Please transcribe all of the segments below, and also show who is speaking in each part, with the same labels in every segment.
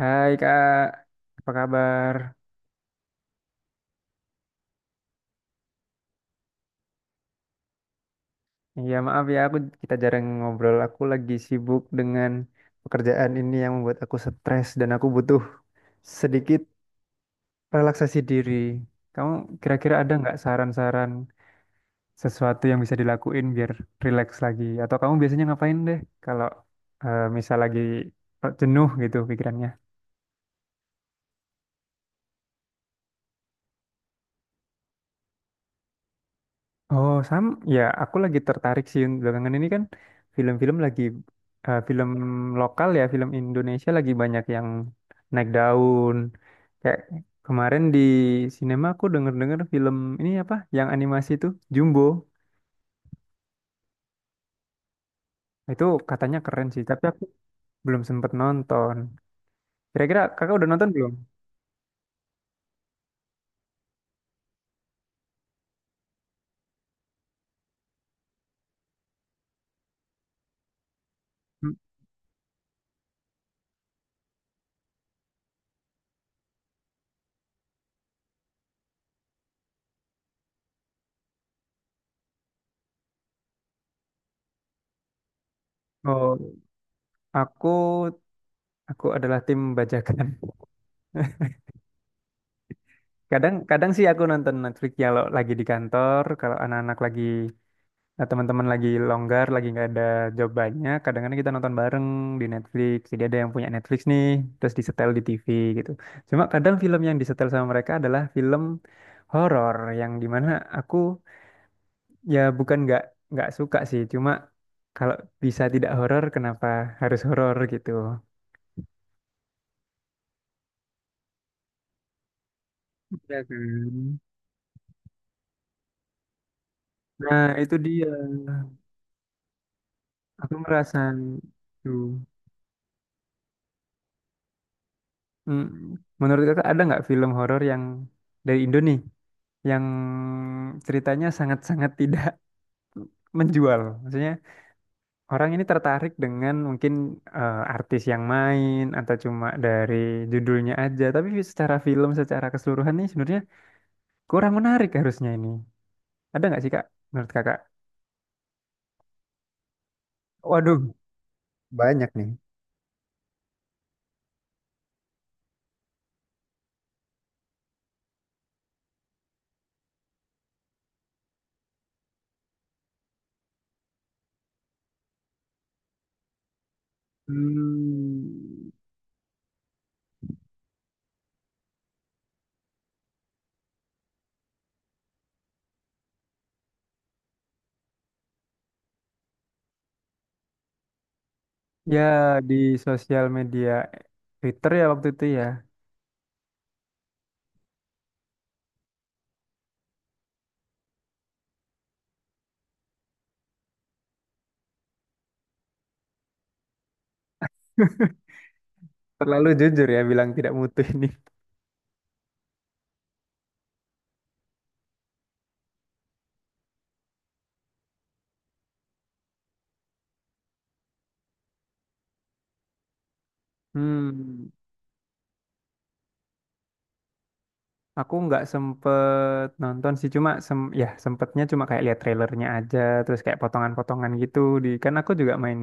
Speaker 1: Hai Kak, apa kabar? Ya maaf ya kita jarang ngobrol. Aku lagi sibuk dengan pekerjaan ini yang membuat aku stres dan aku butuh sedikit relaksasi diri. Kamu kira-kira ada nggak saran-saran sesuatu yang bisa dilakuin biar relax lagi? Atau kamu biasanya ngapain deh kalau misal lagi jenuh gitu pikirannya? Oh, Sam, ya aku lagi tertarik sih belakangan ini kan film-film lagi film lokal ya, film Indonesia lagi banyak yang naik daun. Kayak kemarin di sinema aku denger-denger film ini apa yang animasi itu Jumbo. Itu katanya keren sih, tapi aku belum sempet nonton. Kira-kira kakak udah nonton belum? Hmm. Oh, aku aku adalah tim bajakan. Kadang kadang sih aku nonton Netflix ya kalau lagi di kantor, kalau anak-anak lagi, nah, teman-teman lagi longgar, lagi nggak ada job banyak, kadang-kadang kita nonton bareng di Netflix. Jadi ada yang punya Netflix nih, terus disetel di TV gitu. Cuma kadang film yang disetel sama mereka adalah film horor yang dimana aku, ya bukan nggak suka sih, cuma kalau bisa tidak horor, kenapa harus horor gitu? Ya kan? Nah, itu dia. Aku merasa itu. Mm. Menurut kakak ada nggak film horor yang dari Indo nih yang ceritanya sangat-sangat tidak menjual. Maksudnya orang ini tertarik dengan mungkin artis yang main atau cuma dari judulnya aja, tapi secara film, secara keseluruhan nih sebenarnya kurang menarik harusnya ini. Ada nggak sih Kak? Menurut Kakak? Waduh, banyak nih. Hmm, ya di sosial media Twitter ya waktu itu ya. Terlalu jujur ya bilang tidak mutu ini. Hmm. Aku nggak sempet nonton sih, cuma sem ya sempetnya cuma kayak lihat trailernya aja, terus kayak potongan-potongan gitu di, kan aku juga main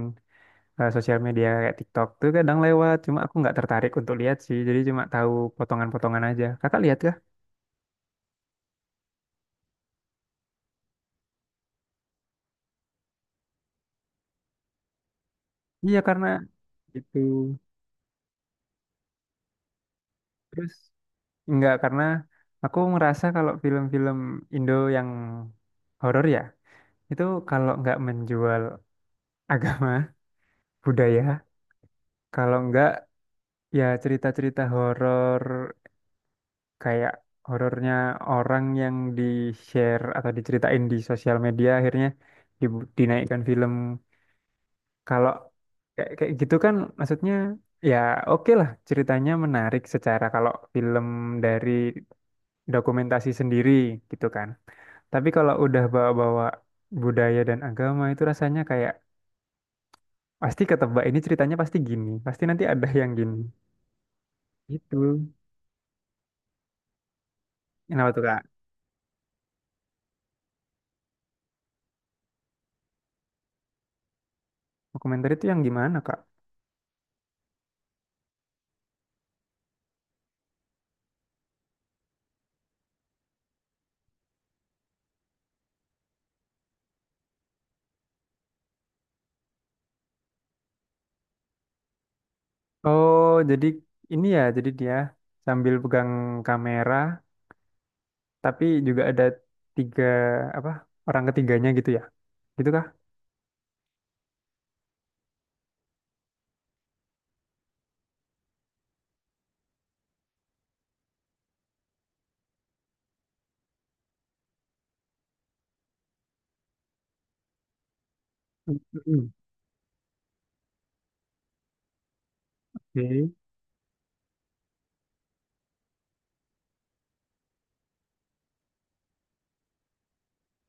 Speaker 1: sosial media kayak TikTok tuh kadang lewat, cuma aku nggak tertarik untuk lihat sih, jadi cuma tahu potongan-potongan aja. Kakak lihat kah? Iya karena itu terus nggak, karena aku ngerasa kalau film-film Indo yang horor ya, itu kalau nggak menjual agama, budaya, kalau nggak ya cerita-cerita horor kayak horornya orang yang di share atau diceritain di sosial media akhirnya dinaikkan film kalau kayak kayak gitu kan, maksudnya ya oke lah ceritanya menarik secara kalau film dari dokumentasi sendiri gitu kan, tapi kalau udah bawa-bawa budaya dan agama itu rasanya kayak pasti ketebak, ini ceritanya pasti gini, pasti nanti ada yang gini gitu. Kenapa tuh Kak? Dokumenter itu yang gimana Kak? Oh, jadi ini ya, jadi dia sambil pegang kamera, tapi juga ada tiga apa orang ketiganya gitu ya, gitu kah? Mm-mm. Oke.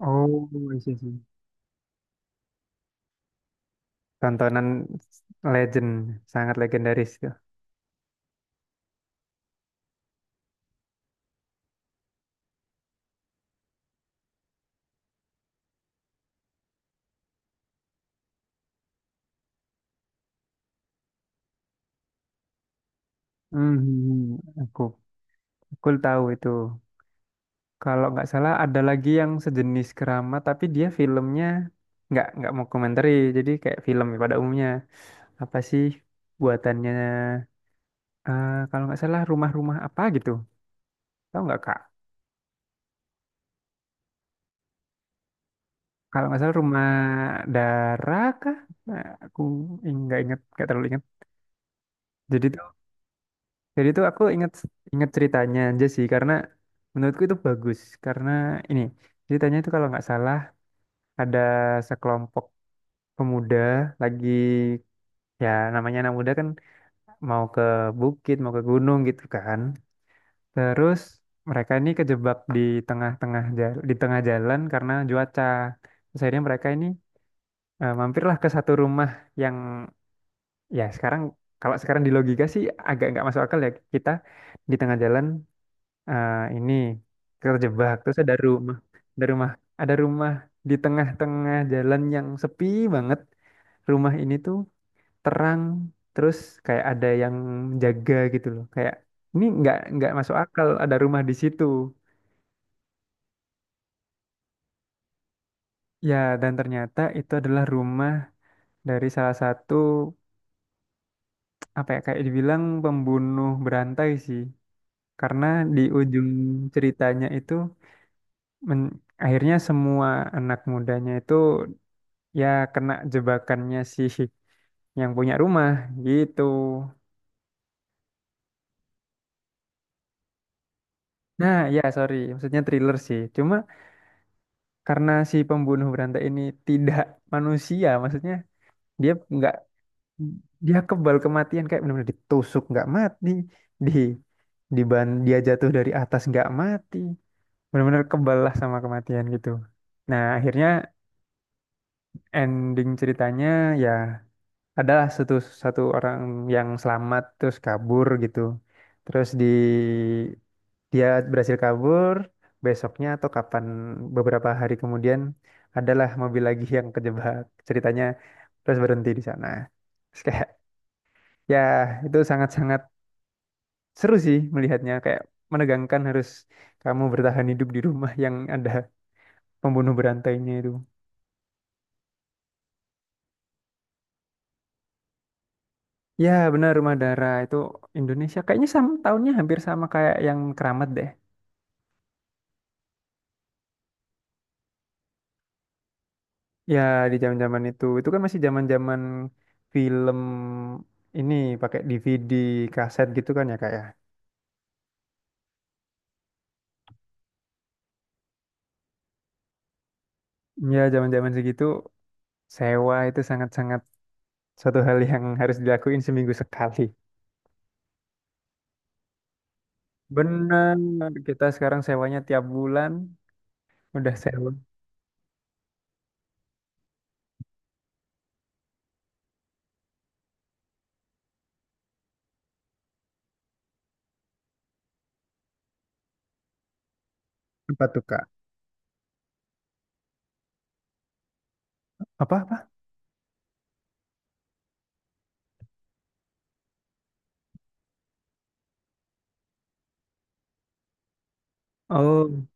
Speaker 1: Oh, I see, I see. Tontonan legend, sangat legendaris itu. Mhm. Aku tahu itu. Kalau nggak salah ada lagi yang sejenis Kerama, tapi dia filmnya nggak mau komentari, jadi kayak film pada umumnya. Apa sih buatannya? Kalau nggak salah rumah-rumah apa gitu. Tahu nggak Kak? Kalau nggak salah rumah Dara kah? Nah, aku nggak inget, nggak terlalu inget. Jadi tuh, jadi tuh aku inget, inget ceritanya aja sih karena menurutku itu bagus karena ini ceritanya itu kalau nggak salah ada sekelompok pemuda lagi, ya namanya anak muda kan, mau ke bukit, mau ke gunung gitu kan. Terus mereka ini kejebak di tengah-tengah jalan, di tengah jalan karena cuaca. Terus akhirnya mereka ini, eh, mampirlah ke satu rumah yang ya sekarang, kalau sekarang di logika sih agak nggak masuk akal ya, kita di tengah jalan ini terjebak, terus ada rumah, ada rumah ada rumah di tengah-tengah jalan yang sepi banget, rumah ini tuh terang, terus kayak ada yang jaga gitu loh, kayak ini nggak masuk akal ada rumah di situ ya. Dan ternyata itu adalah rumah dari salah satu apa ya, kayak dibilang pembunuh berantai sih. Karena di ujung ceritanya itu men- akhirnya semua anak mudanya itu ya kena jebakannya si yang punya rumah gitu. Nah, ya sorry, maksudnya thriller sih. Cuma karena si pembunuh berantai ini tidak manusia, maksudnya dia nggak dia kebal kematian kayak benar-benar ditusuk nggak mati, di di ban, dia jatuh dari atas nggak mati, benar-benar kebal lah sama kematian gitu. Nah, akhirnya ending ceritanya ya adalah satu satu orang yang selamat terus kabur gitu. Terus di, dia berhasil kabur, besoknya atau kapan beberapa hari kemudian adalah mobil lagi yang kejebak. Ceritanya terus berhenti di sana. Terus kayak ya itu sangat-sangat seru sih melihatnya, kayak menegangkan harus kamu bertahan hidup di rumah yang ada pembunuh berantainya itu. Ya, benar rumah darah itu Indonesia kayaknya, sama tahunnya hampir sama kayak yang Keramat deh. Ya, di zaman-zaman itu. Itu kan masih zaman-zaman film ini pakai DVD, kaset gitu kan ya, Kak ya. Ya, zaman-zaman segitu sewa itu sangat-sangat suatu hal yang harus dilakuin seminggu sekali. Benar, kita sekarang sewanya tiap bulan udah sewa. Apa tuh, Kak? Apa-apa? Oh,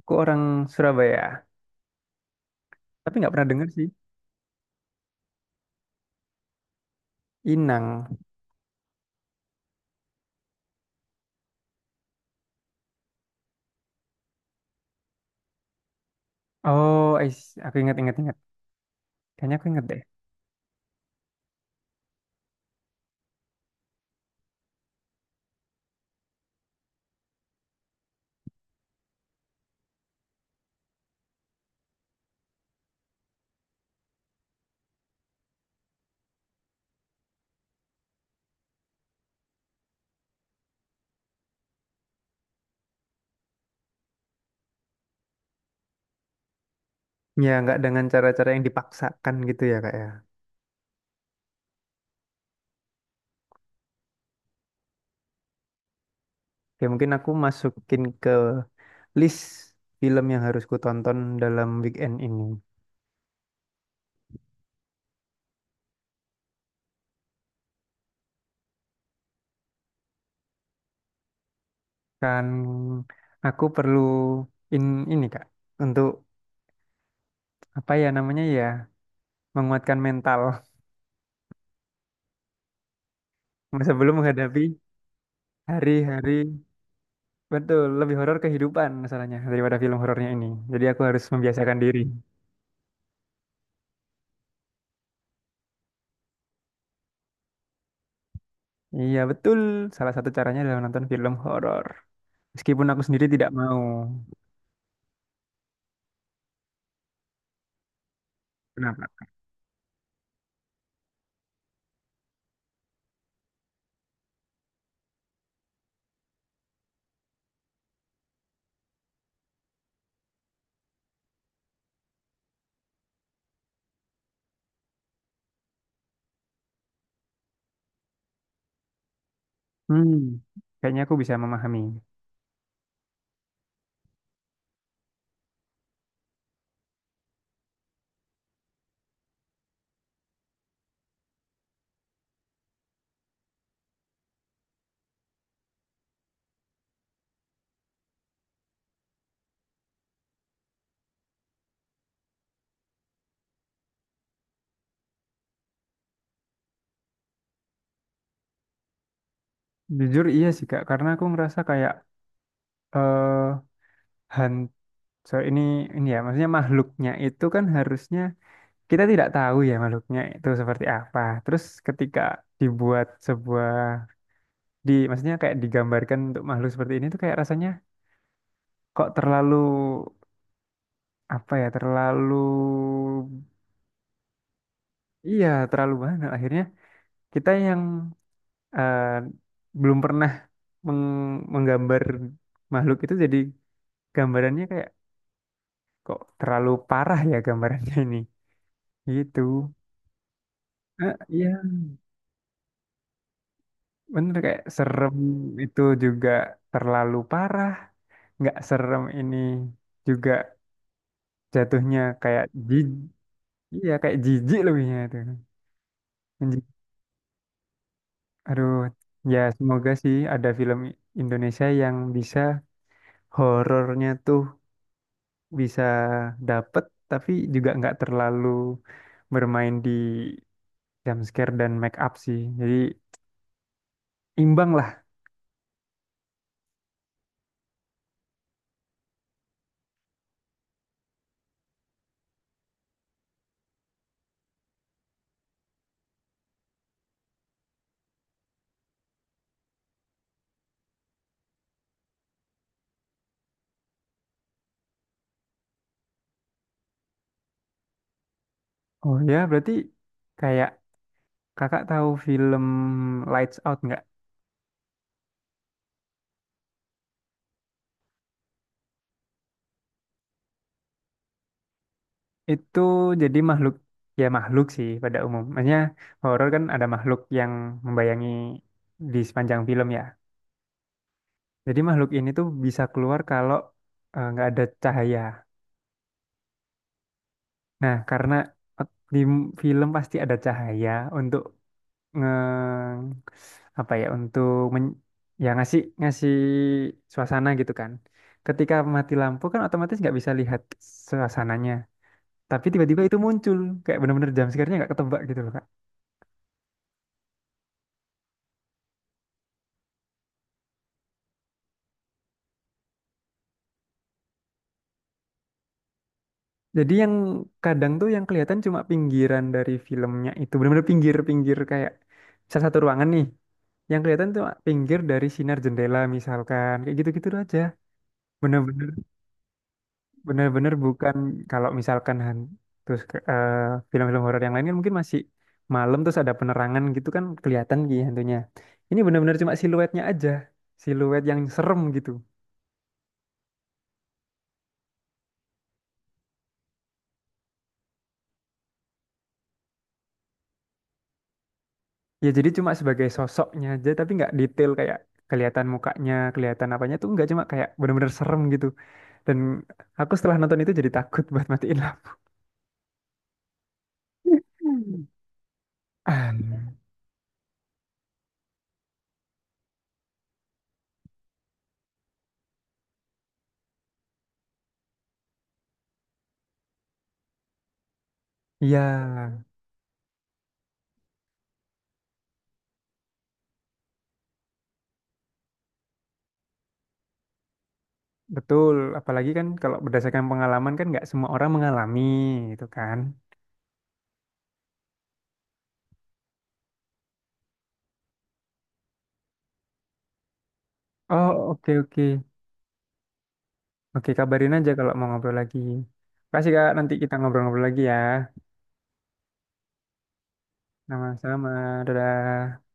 Speaker 1: aku orang Surabaya, tapi nggak pernah denger sih. Inang. Oh, I see. Aku ingat, ingat, ingat. Kayaknya aku ingat deh. Ya, nggak dengan cara-cara yang dipaksakan gitu ya Kak ya. Oke, mungkin aku masukin ke list film yang harus ku tonton dalam weekend ini. Kan aku perlu in ini Kak untuk apa ya namanya ya, menguatkan mental sebelum menghadapi hari-hari, betul lebih horor kehidupan masalahnya daripada film horornya ini. Jadi aku harus membiasakan diri. Iya betul, salah satu caranya adalah nonton film horor. Meskipun aku sendiri tidak mau. Kenapa? Hmm, kayaknya aku bisa memahami. Jujur iya sih Kak, karena aku ngerasa kayak eh han- so, ini ya, maksudnya makhluknya itu kan harusnya kita tidak tahu ya makhluknya itu seperti apa. Terus ketika dibuat sebuah di, maksudnya kayak digambarkan untuk makhluk seperti ini tuh kayak rasanya kok terlalu apa ya, terlalu, iya, terlalu banyak akhirnya kita yang eh, belum pernah menggambar makhluk itu, jadi gambarannya kayak kok terlalu parah ya gambarannya ini gitu. Ah, iya bener, kayak serem itu juga terlalu parah, nggak serem ini juga jatuhnya kayak jijik. Iya kayak jijik lebihnya itu. Menji- aduh, ya semoga sih ada film Indonesia yang bisa horornya tuh bisa dapet, tapi juga nggak terlalu bermain di jump scare dan make up sih, jadi imbang lah. Oh ya, berarti kayak kakak tahu film Lights Out nggak? Itu jadi makhluk, ya makhluk sih pada umumnya, horor kan ada makhluk yang membayangi di sepanjang film ya, jadi makhluk ini tuh bisa keluar kalau nggak ada cahaya. Nah karena film pasti ada cahaya untuk nge-, apa ya, untuk men, ya ngasih, suasana gitu kan. Ketika mati lampu kan otomatis nggak bisa lihat suasananya. Tapi tiba-tiba itu muncul kayak bener-bener jam sekarnya nggak ketebak gitu loh Kak. Jadi yang kadang tuh yang kelihatan cuma pinggiran dari filmnya itu bener-bener pinggir-pinggir kayak salah satu ruangan nih. Yang kelihatan cuma pinggir dari sinar jendela misalkan, kayak gitu-gitu aja. Bener-bener, bener-bener bukan kalau misalkan terus film-film horor yang lain kan mungkin masih malam terus ada penerangan gitu kan kelihatan gitu hantunya. Ini bener-bener cuma siluetnya aja, siluet yang serem gitu. Ya jadi cuma sebagai sosoknya aja tapi nggak detail, kayak kelihatan mukanya, kelihatan apanya tuh nggak, cuma kayak bener-bener serem gitu. Dan aku setelah nonton itu jadi takut buat matiin lampu. Ah, iya, betul. Apalagi kan kalau berdasarkan pengalaman kan nggak semua orang mengalami itu kan. Oh, oke, oke. Oke, kabarin aja kalau mau ngobrol lagi. Kasih, Kak. Nanti kita ngobrol-ngobrol lagi ya. Sama-sama. Dadah.